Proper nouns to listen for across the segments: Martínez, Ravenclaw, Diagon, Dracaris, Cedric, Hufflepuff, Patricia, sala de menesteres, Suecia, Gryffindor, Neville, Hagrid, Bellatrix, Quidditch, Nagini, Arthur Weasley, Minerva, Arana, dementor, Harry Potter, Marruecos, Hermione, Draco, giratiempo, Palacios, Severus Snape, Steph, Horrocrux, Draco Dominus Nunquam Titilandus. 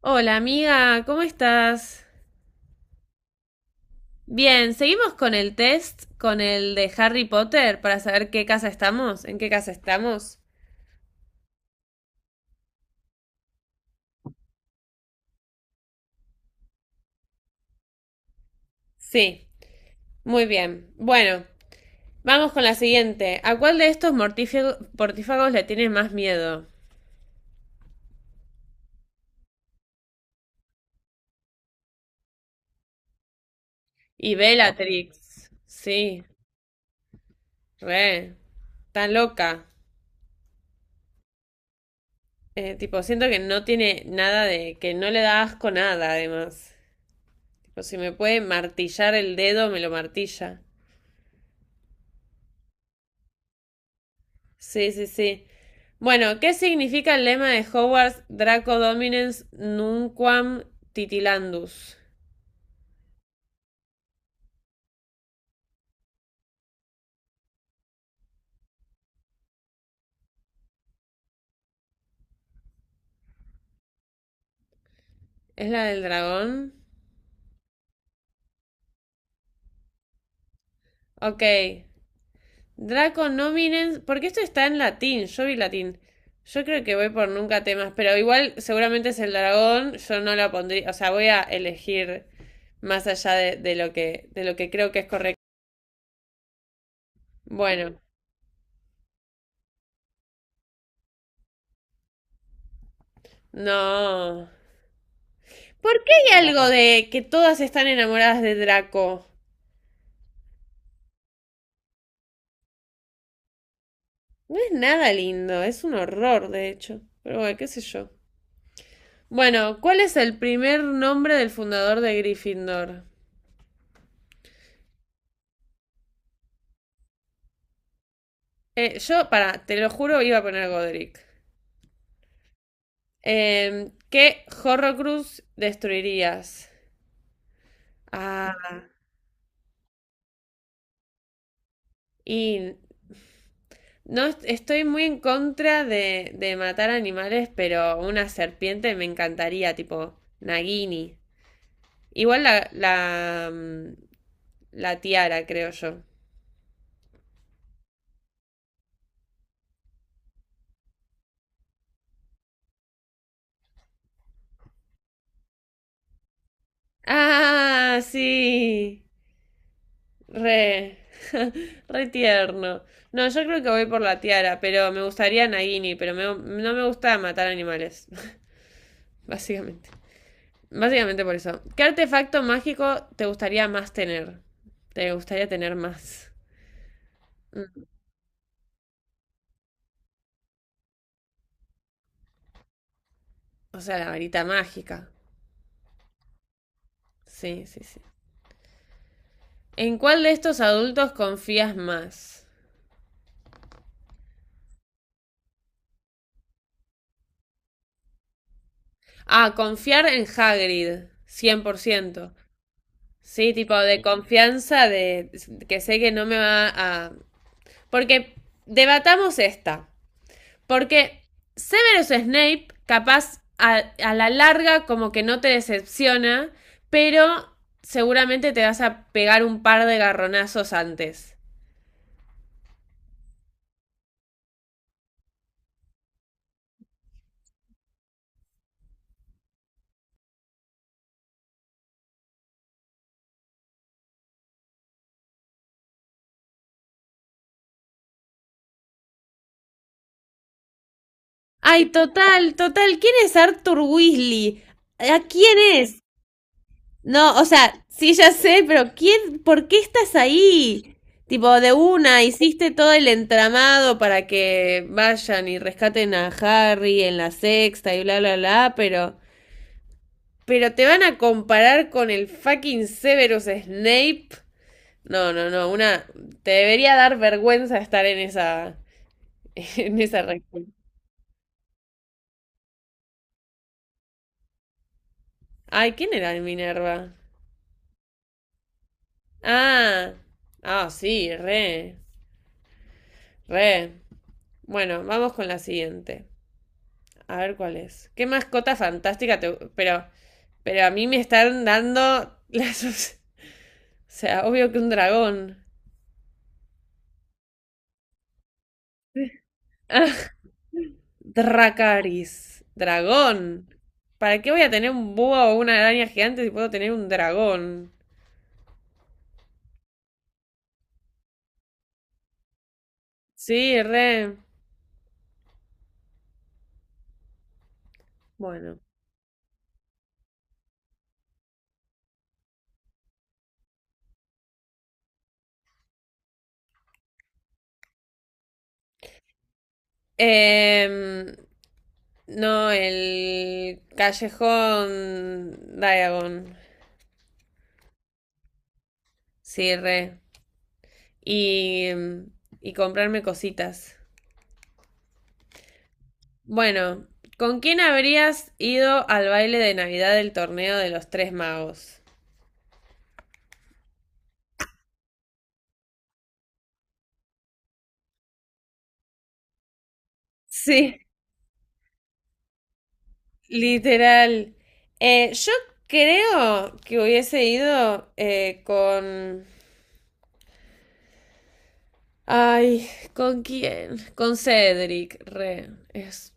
Hola amiga, ¿cómo estás? Bien, seguimos con el test, con el de Harry Potter, para saber qué casa estamos, en qué casa estamos. Sí, muy bien. Bueno, vamos con la siguiente. ¿A cuál de estos mortífagos le tienes más miedo? Y Bellatrix. Sí, re. Tan loca. Tipo, siento que no tiene nada de, que no le da asco nada, además. Tipo, si me puede martillar el dedo, me lo martilla. Sí, sí, sí. Bueno, ¿qué significa el lema de Hogwarts, Draco Dominus Nunquam Titilandus? ¿Es la del dragón? Ok. Draco Dominus. Porque esto está en latín, yo vi latín. Yo creo que voy por nunca temas, pero igual seguramente es el dragón, yo no la pondría, o sea, voy a elegir más allá de lo de lo que creo que es correcto. Bueno, no. ¿Por qué hay algo de que todas están enamoradas de Draco? No es nada lindo, es un horror, de hecho. Pero bueno, qué sé yo. Bueno, ¿cuál es el primer nombre del fundador de Gryffindor? Yo, para, te lo juro, iba a poner Godric. ¿Qué Horrocrux destruirías? Ah, y no estoy muy en contra de matar animales, pero una serpiente me encantaría, tipo Nagini. Igual la tiara, creo yo. Ah, sí. Re, re tierno. No, yo creo que voy por la tiara, pero me gustaría Nagini, pero no me gusta matar animales, básicamente. Básicamente por eso. ¿Qué artefacto mágico te gustaría más tener? Te gustaría tener más. Mm, O sea, la varita mágica. Sí, sí, sí. ¿En cuál de estos adultos confías más? Ah, confiar en Hagrid, cien por ciento. Sí, tipo de confianza de que sé que no me va a... Porque debatamos esta. Porque Severus Snape, capaz a la larga como que no te decepciona, pero seguramente te vas a pegar un par de garronazos antes. Ay, total, total. ¿Quién es Arthur Weasley? ¿A quién es? No, o sea, sí, ya sé, pero ¿quién, por qué estás ahí? Tipo, de una, hiciste todo el entramado para que vayan y rescaten a Harry en la sexta y bla, bla, bla, pero... Pero te van a comparar con el fucking Severus Snape. No, no, no, una... Te debería dar vergüenza estar en esa... En esa reunión. Ay, ¿quién era el Minerva? Ah, ah, sí, re, re. Bueno, vamos con la siguiente. A ver cuál es. Qué mascota fantástica te- pero a mí me están dando las... O sea, obvio que un dragón. Ah, Dracaris. Dragón. ¿Para qué voy a tener un búho o una araña gigante si puedo tener un dragón? Sí, re. Bueno. Em, no, el callejón Diagon. Sí, re. Y, y comprarme cositas. Bueno, ¿con quién habrías ido al baile de Navidad del torneo de los Tres Magos? Sí, literal. Yo creo que hubiese ido con... Ay, ¿con quién? Con Cedric, re. Es...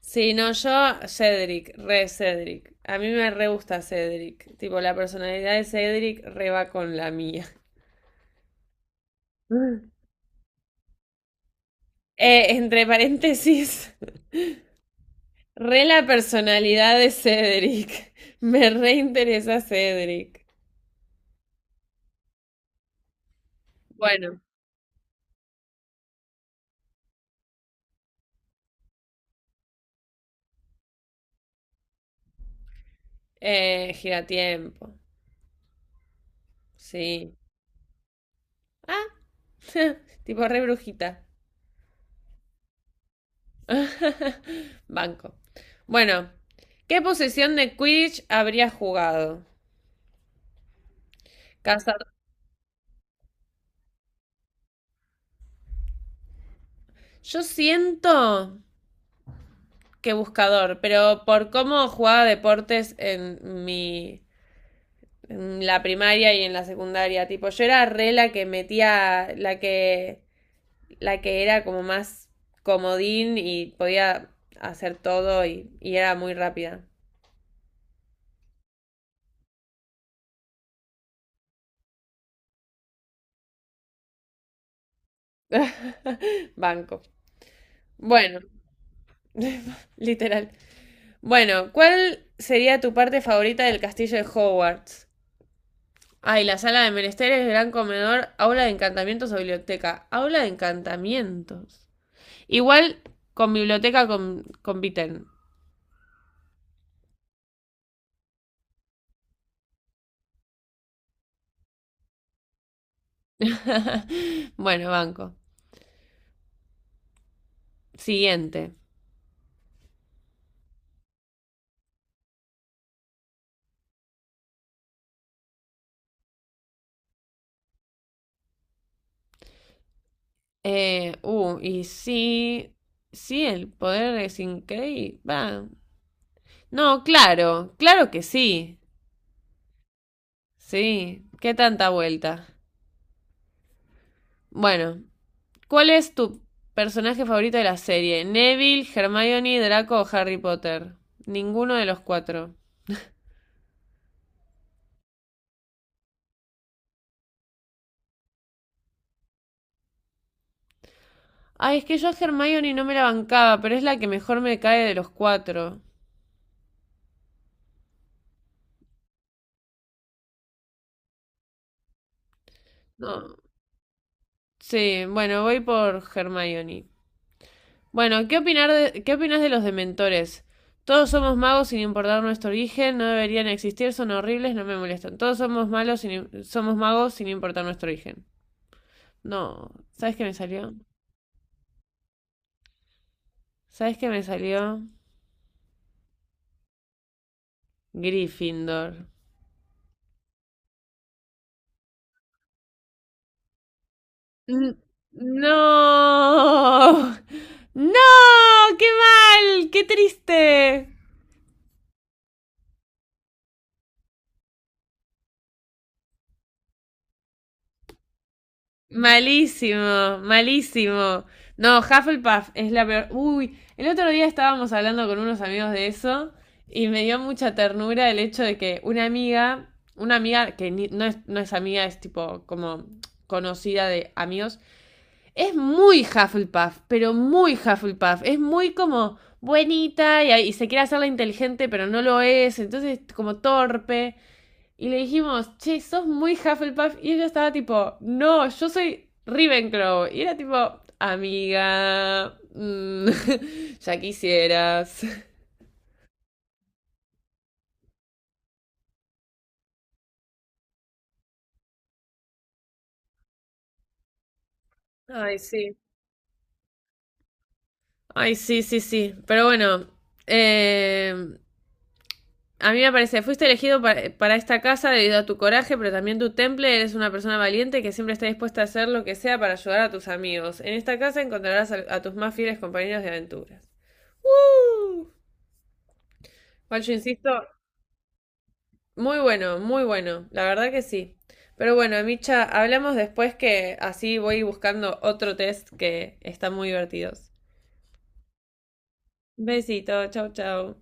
Sí, no, yo, Cedric, re Cedric. A mí me re gusta Cedric. Tipo, la personalidad de Cedric re va con la mía. Entre paréntesis. Re la personalidad de Cedric. Me reinteresa Cedric. Bueno, giratiempo. Sí. Ah, tipo re brujita. Banco. Bueno, ¿qué posesión de Quidditch habría jugado? Cazador. Yo siento que buscador, pero por cómo jugaba deportes en mi. En la primaria y en la secundaria. Tipo, yo era re la que metía, la que era como más comodín y podía hacer todo y era muy rápida. Banco. Bueno, literal. Bueno, ¿cuál sería tu parte favorita del castillo de Hogwarts? Ay, la sala de menesteres, gran comedor, aula de encantamientos o biblioteca. Aula de encantamientos. Igual con biblioteca compiten. Bueno, banco. Siguiente. Y sí, sí, el poder es increíble. No, claro, claro que sí. Sí, qué tanta vuelta. Bueno, ¿cuál es tu personaje favorito de la serie? ¿Neville, Hermione, Draco o Harry Potter? Ninguno de los cuatro. Ay, es que yo a Hermione no me la bancaba, pero es la que mejor me cae de los cuatro. No. Sí, bueno, voy por Hermione. Bueno, ¿qué opinas de los dementores? Todos somos magos sin importar nuestro origen, no deberían existir, son horribles, no me molestan. Todos somos malos sin- somos magos sin importar nuestro origen. No, ¿sabes qué me salió? ¿Sabes qué me salió? Gryffindor. N- No. No, qué mal, qué triste. Malísimo, malísimo. No, Hufflepuff es la peor. Uy, el otro día estábamos hablando con unos amigos de eso y me dio mucha ternura el hecho de que una amiga que ni- no no es amiga, es tipo como conocida de amigos, es muy Hufflepuff, pero muy Hufflepuff. Es muy como buenita y se quiere hacerla inteligente, pero no lo es, entonces como torpe. Y le dijimos, che, sos muy Hufflepuff. Y ella estaba tipo, no, yo soy Ravenclaw. Y era tipo, amiga, ya quisieras. Ay, sí. Ay, sí, sí, sí. Pero bueno, eh, a mí me parece, fuiste elegido para esta casa debido a tu coraje, pero también tu temple. Eres una persona valiente que siempre está dispuesta a hacer lo que sea para ayudar a tus amigos. En esta casa encontrarás a tus más fieles compañeros de aventuras. ¡Woo! Igual yo insisto. Muy bueno, muy bueno, la verdad que sí. Pero bueno, Micha, hablamos después que así voy buscando otro test que están muy divertidos. Besito, chau, chau.